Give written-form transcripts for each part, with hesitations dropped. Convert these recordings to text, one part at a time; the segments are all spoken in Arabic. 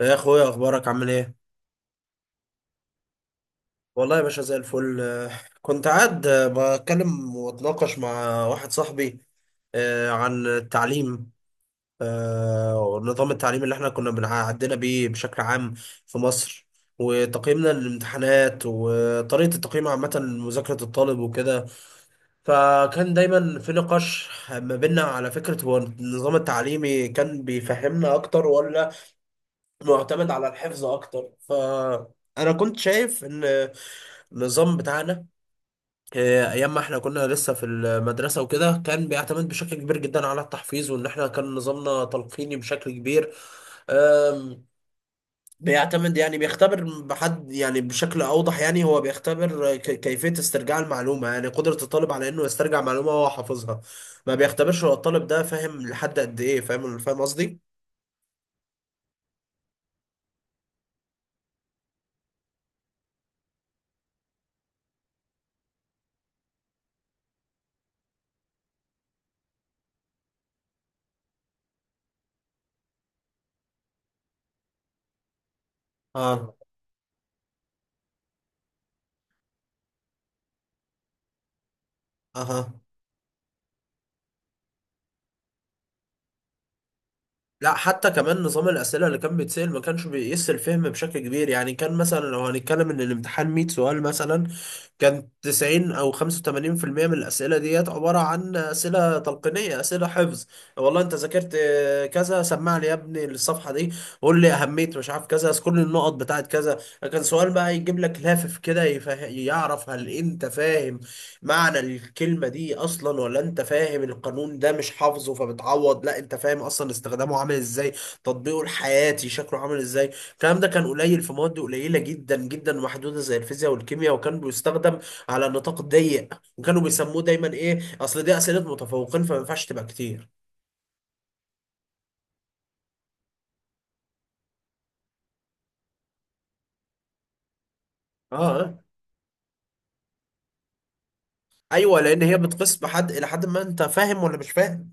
يا اخويا اخبارك عامل ايه؟ والله يا باشا زي الفل، كنت قاعد، بتكلم واتناقش مع واحد صاحبي، عن التعليم، ونظام التعليم اللي احنا كنا بنعدينا بيه بشكل عام في مصر، وتقييمنا للامتحانات وطريقة التقييم عامة لمذاكرة الطالب وكده. فكان دايما في نقاش ما بيننا على فكرة هو النظام التعليمي كان بيفهمنا أكتر ولا معتمد على الحفظ اكتر. فانا كنت شايف ان النظام بتاعنا، ايام ما احنا كنا لسه في المدرسه وكده، كان بيعتمد بشكل كبير جدا على التحفيظ، وان احنا كان نظامنا تلقيني بشكل كبير. آم، بيعتمد يعني بيختبر بحد، يعني بشكل اوضح يعني، هو بيختبر كيفيه استرجاع المعلومه، يعني قدره الطالب على انه يسترجع معلومه وهو حافظها. ما بيختبرش هو الطالب ده فاهم لحد قد ايه، فاهم فاهم قصدي؟ اه. اها. لا حتى كمان نظام الأسئلة اللي كان بيتسأل ما كانش بيقيس الفهم بشكل كبير. يعني كان مثلا لو هنتكلم إن الامتحان 100 سؤال مثلا، كان 90 أو 85% من الأسئلة ديت عبارة عن أسئلة تلقينية، أسئلة حفظ. والله أنت ذاكرت، كذا، سمع لي يا ابني الصفحة دي، قول لي أهمية مش عارف كذا، اذكر لي النقط بتاعت كذا. كان سؤال بقى يجيب لك لافف كده يعرف هل أنت فاهم معنى الكلمة دي أصلا، ولا أنت فاهم القانون ده مش حافظه، فبتعوض. لا أنت فاهم أصلا استخدامه عامل إزاي، تطبيقه الحياتي شكله عامل إزاي. الكلام ده كان قليل في مواد قليلة جدا جدا محدودة زي الفيزياء والكيمياء، وكان بيستخدم على نطاق ضيق، وكانوا بيسموه دايما إيه، أصل دي أسئلة متفوقين فما ينفعش تبقى كتير. آه، أيوه، لأن هي بتقيس بحد إلى حد ما أنت فاهم ولا مش فاهم.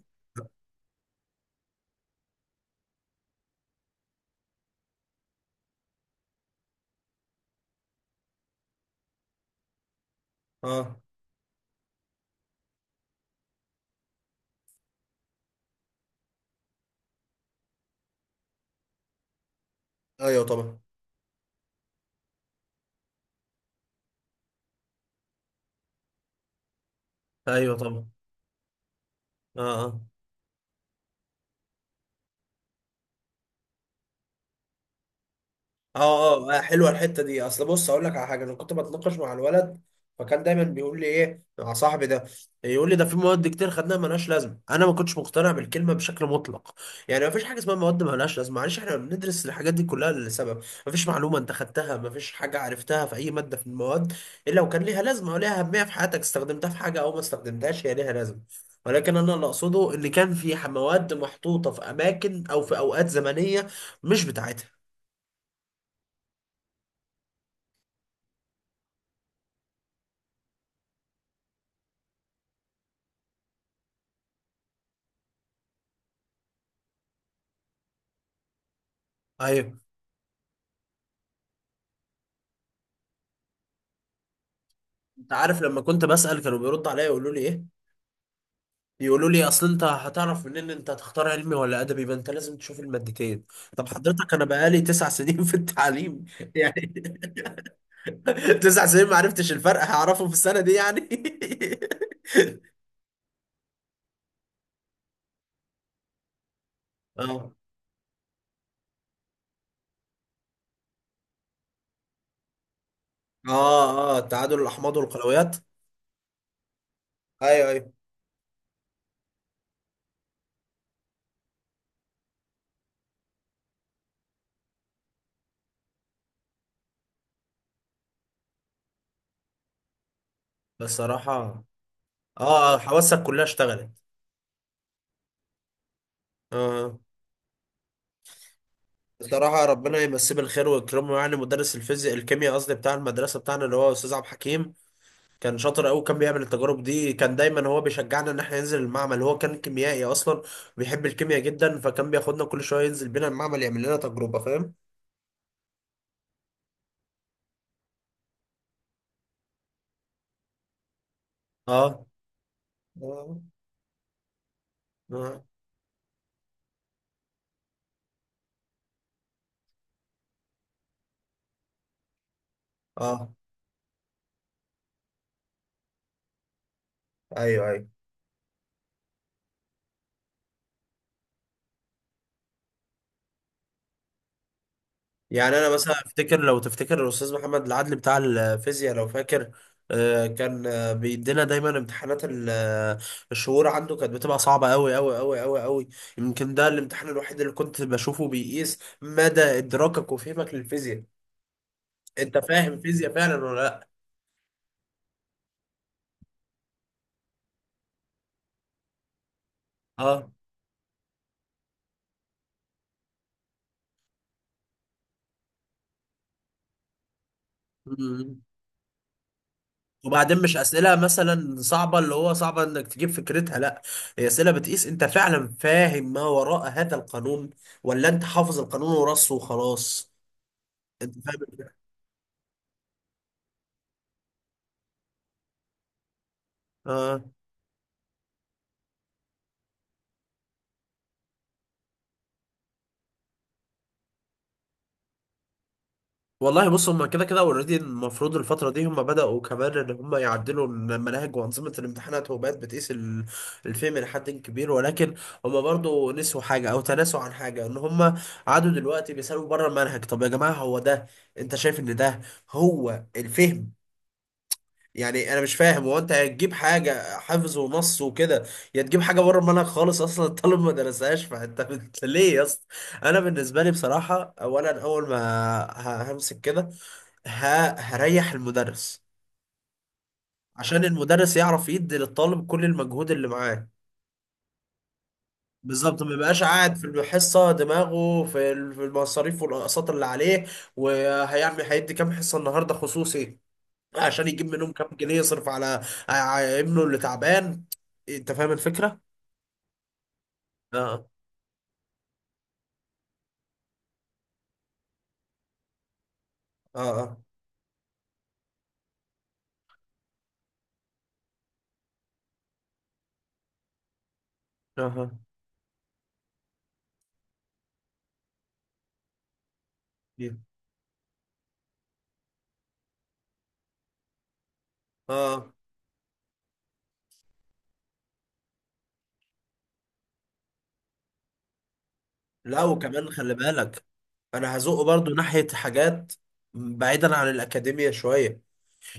آه. أيوه طبعا. أيوه طبعا. آه آه. اه اه. حلوه الحته دي. اصل بص اقول لك على حاجه، انا كنت بتناقش مع الولد، فكان دايما بيقول لي ايه، مع صاحبي ده. يقول لي ده في مواد كتير خدناها ملهاش لازمه. انا ما كنتش مقتنع بالكلمه بشكل مطلق. يعني ما فيش حاجه اسمها مواد ملهاش لازمه، معلش احنا بندرس الحاجات دي كلها لسبب. ما فيش معلومه انت خدتها، ما فيش حاجه عرفتها في اي ماده في المواد الا وكان ليها لازمه وليها اهميه في حياتك، استخدمتها في حاجه او ما استخدمتهاش هي ليها لازمه. ولكن انا اللي اقصده ان كان في مواد محطوطه في اماكن او في اوقات زمنيه مش بتاعتها. ايوه. انت عارف لما كنت بسأل كانوا بيردوا عليا يقولوا لي ايه، يقولوا لي اصل انت هتعرف منين انت هتختار علمي ولا ادبي، ما انت لازم تشوف المادتين. طب حضرتك انا بقالي 9 سنين في التعليم يعني، 9 سنين ما عرفتش الفرق هعرفه في السنة دي يعني. اه. اه. اه التعادل، الاحماض والقلويات. ايوه ايوه. بصراحة. اه، حواسك كلها اشتغلت. اه. بصراحة ربنا يمسيه بالخير ويكرمه، يعني مدرس الفيزياء الكيمياء قصدي بتاع المدرسة بتاعنا اللي هو أستاذ عبد الحكيم، كان شاطر قوي. كان بيعمل التجارب دي، كان دايما هو بيشجعنا ان احنا ننزل المعمل. هو كان كيميائي اصلا، بيحب الكيمياء جدا، فكان بياخدنا كل شويه ينزل بينا المعمل يعمل لنا تجربه، فاهم. اه. اه. اه. آه. ايوه ايوه. يعني انا مثلا افتكر، لو تفتكر الاستاذ محمد العدل بتاع الفيزياء، لو فاكر، كان بيدينا دايما امتحانات الشهور عنده كانت بتبقى صعبه قوي قوي قوي قوي قوي. يمكن ده الامتحان الوحيد اللي كنت بشوفه بيقيس مدى ادراكك وفهمك للفيزياء، انت فاهم فيزياء فعلا ولا لا. اه. مم. وبعدين مش اسئله مثلا صعبه، اللي هو صعبه انك تجيب فكرتها، لا. هي اسئله بتقيس انت فعلا فاهم ما وراء هذا القانون، ولا انت حافظ القانون ورصه وخلاص. انت فاهم الفكرة؟ والله بص، هم كده كده اوريدي المفروض الفترة دي هم بدأوا كمان ان هم يعدلوا المناهج وأنظمة الامتحانات، وبقت بتقيس الفهم لحد كبير، ولكن هم برضو نسوا حاجة او تناسوا عن حاجة، ان هم قعدوا دلوقتي بيسألوا بره المنهج. طب يا جماعة، هو ده، انت شايف ان ده هو الفهم؟ يعني انا مش فاهم، هو انت هتجيب حاجه حفظ ونص وكده يا تجيب حاجه بره المنهج خالص اصلا؟ الطالب ما درسهاش فانت ليه يا اسطى؟ انا بالنسبه لي بصراحه، اولا، اول ما همسك كده هريح المدرس، عشان المدرس يعرف يدي للطالب كل المجهود اللي معاه. بالظبط، ما يبقاش قاعد في الحصه دماغه في في المصاريف والاقساط اللي عليه، وهيعمل هيدي كام حصه النهارده خصوصي عشان يجيب منهم كام جنيه يصرف على ابنه اللي تعبان. انت فاهم الفكرة؟ اه. اه. اه. اه. اه. لا وكمان خلي بالك، انا هزقه برضو ناحية حاجات بعيدا عن الأكاديمية شوية.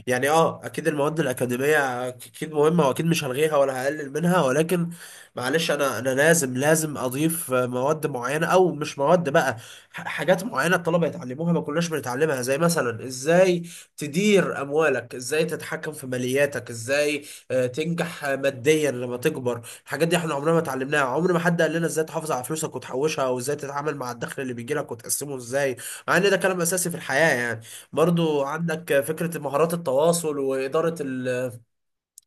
يعني، اه، اكيد المواد الاكاديميه اكيد مهمه واكيد مش هلغيها ولا هقلل منها، ولكن معلش انا لازم اضيف مواد معينه، او مش مواد بقى، حاجات معينه الطلبه يتعلموها ما كناش بنتعلمها. زي مثلا ازاي تدير اموالك، ازاي تتحكم في مالياتك، ازاي تنجح ماديا لما تكبر. الحاجات دي احنا عمرنا ما اتعلمناها، عمر ما حد قال لنا ازاي تحافظ على فلوسك وتحوشها، او ازاي تتعامل مع الدخل اللي بيجيلك وتقسمه ازاي، مع ان ده كلام اساسي في الحياه يعني. برضو عندك فكرة مهارات التواصل وإدارة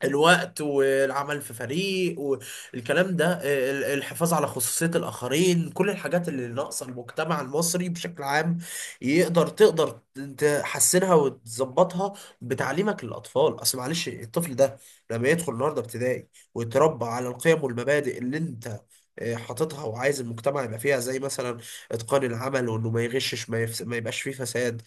الوقت، والعمل في فريق، والكلام ده، الحفاظ على خصوصية الآخرين، كل الحاجات اللي ناقصة المجتمع المصري بشكل عام. تقدر تحسنها وتظبطها بتعليمك للأطفال. أصل معلش الطفل ده لما يدخل النهاردة ابتدائي ويتربى على القيم والمبادئ اللي أنت حاططها وعايز المجتمع يبقى فيها، زي مثلا اتقان العمل، وانه ما يغشش، ما يبقاش فيه فساد.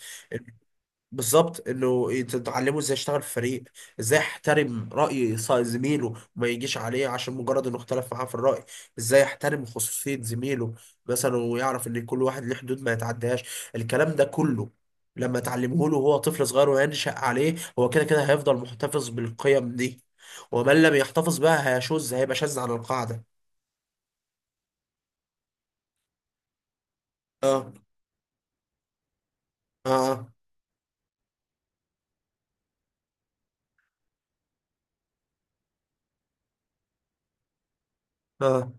بالظبط. انه تتعلمه ازاي اشتغل في فريق، ازاي احترم رأي زميله وما يجيش عليه عشان مجرد انه اختلف معاه في الرأي، ازاي احترم خصوصية زميله مثلا، ويعرف ان كل واحد ليه حدود ما يتعدهاش. الكلام ده كله لما تعلمه له وهو طفل صغير وينشأ عليه، هو كده كده هيفضل محتفظ بالقيم دي، ومن لم يحتفظ بها هيشذ، هيبقى شاذ عن القاعدة. اه. اه. اه. آه،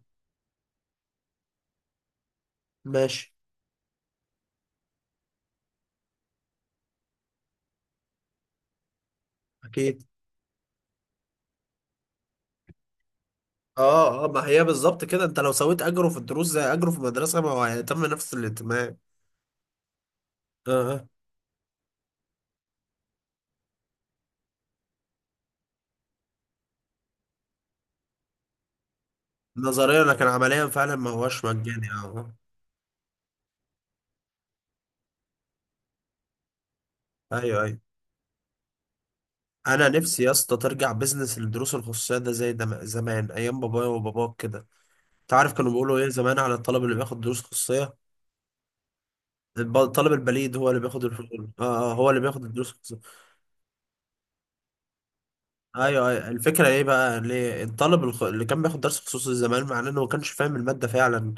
ماشي. اكيد. اه. اه، ما هي بالظبط كده، انت لو سويت اجره في الدروس زي اجره في المدرسه، ما هو هيتم نفس الاهتمام. اه. اه، نظريا لكن عمليا فعلا ما هوش مجاني، اه. اه. ايوه ايوه. انا نفسي يا اسطى ترجع بزنس الدروس الخصوصيه ده زي زمان، ايام بابايا وباباك كده. انت عارف كانوا بيقولوا ايه زمان على الطالب اللي بياخد دروس خصوصيه؟ الطالب البليد هو اللي بياخد اه، هو اللي بياخد الدروس. ايوه ايوه، الفكره ايه بقى؟ ليه الطالب اللي كان بياخد درس خصوصي زمان مع انه ما كانش فاهم الماده فعلا،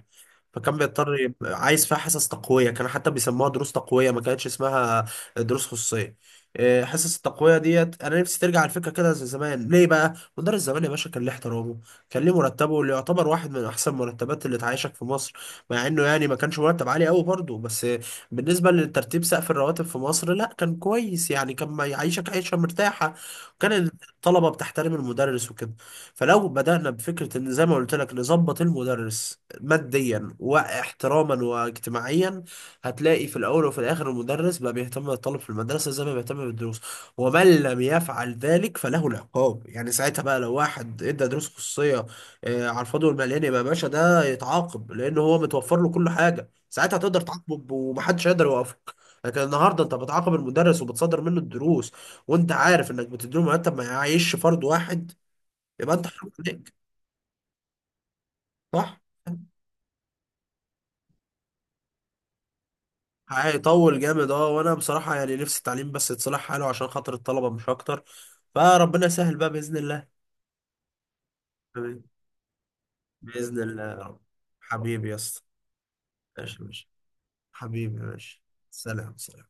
فكان بيضطر يبقى عايز فيها حصص تقويه، كان حتى بيسموها دروس تقويه ما كانتش اسمها دروس خصوصيه. إيه، حصص التقويه ديت انا نفسي ترجع الفكره كده زي زمان. ليه بقى مدرس زمان يا باشا كان ليه احترامه، كان ليه مرتبه اللي يعتبر واحد من احسن مرتبات اللي تعيشك في مصر، مع انه يعني ما كانش مرتب عالي قوي برضه، بس بالنسبه لترتيب سقف الرواتب في مصر لا، كان كويس، يعني كان ما يعيشك عيشه مرتاحه. كان طلبة بتحترم المدرس وكده. فلو بدأنا بفكرة ان زي ما قلت لك نظبط المدرس ماديا واحتراما واجتماعيا، هتلاقي في الاول وفي الاخر المدرس بقى بيهتم بالطالب في المدرسة زي ما بيهتم بالدروس. ومن لم يفعل ذلك فله العقاب. يعني ساعتها بقى، لو واحد ادى دروس خصوصية على الفاضي والمليان، يبقى يا باشا ده يتعاقب، لان هو متوفر له كل حاجة، ساعتها تقدر تعاقبه ومحدش هيقدر يوقفك. لكن النهارده انت بتعاقب المدرس وبتصدر منه الدروس، وانت عارف انك بتديله مرتب ما يعيش فرد واحد، يبقى انت حرام عليك. صح؟ هيطول جامد، اه. وانا بصراحة يعني نفسي التعليم بس يتصلح حاله عشان خاطر الطلبة مش اكتر، فربنا يسهل بقى بإذن الله. حبيبي. بإذن الله يا رب. حبيبي يا اسطى. ماشي ماشي. حبيبي ماشي. سلام سلام.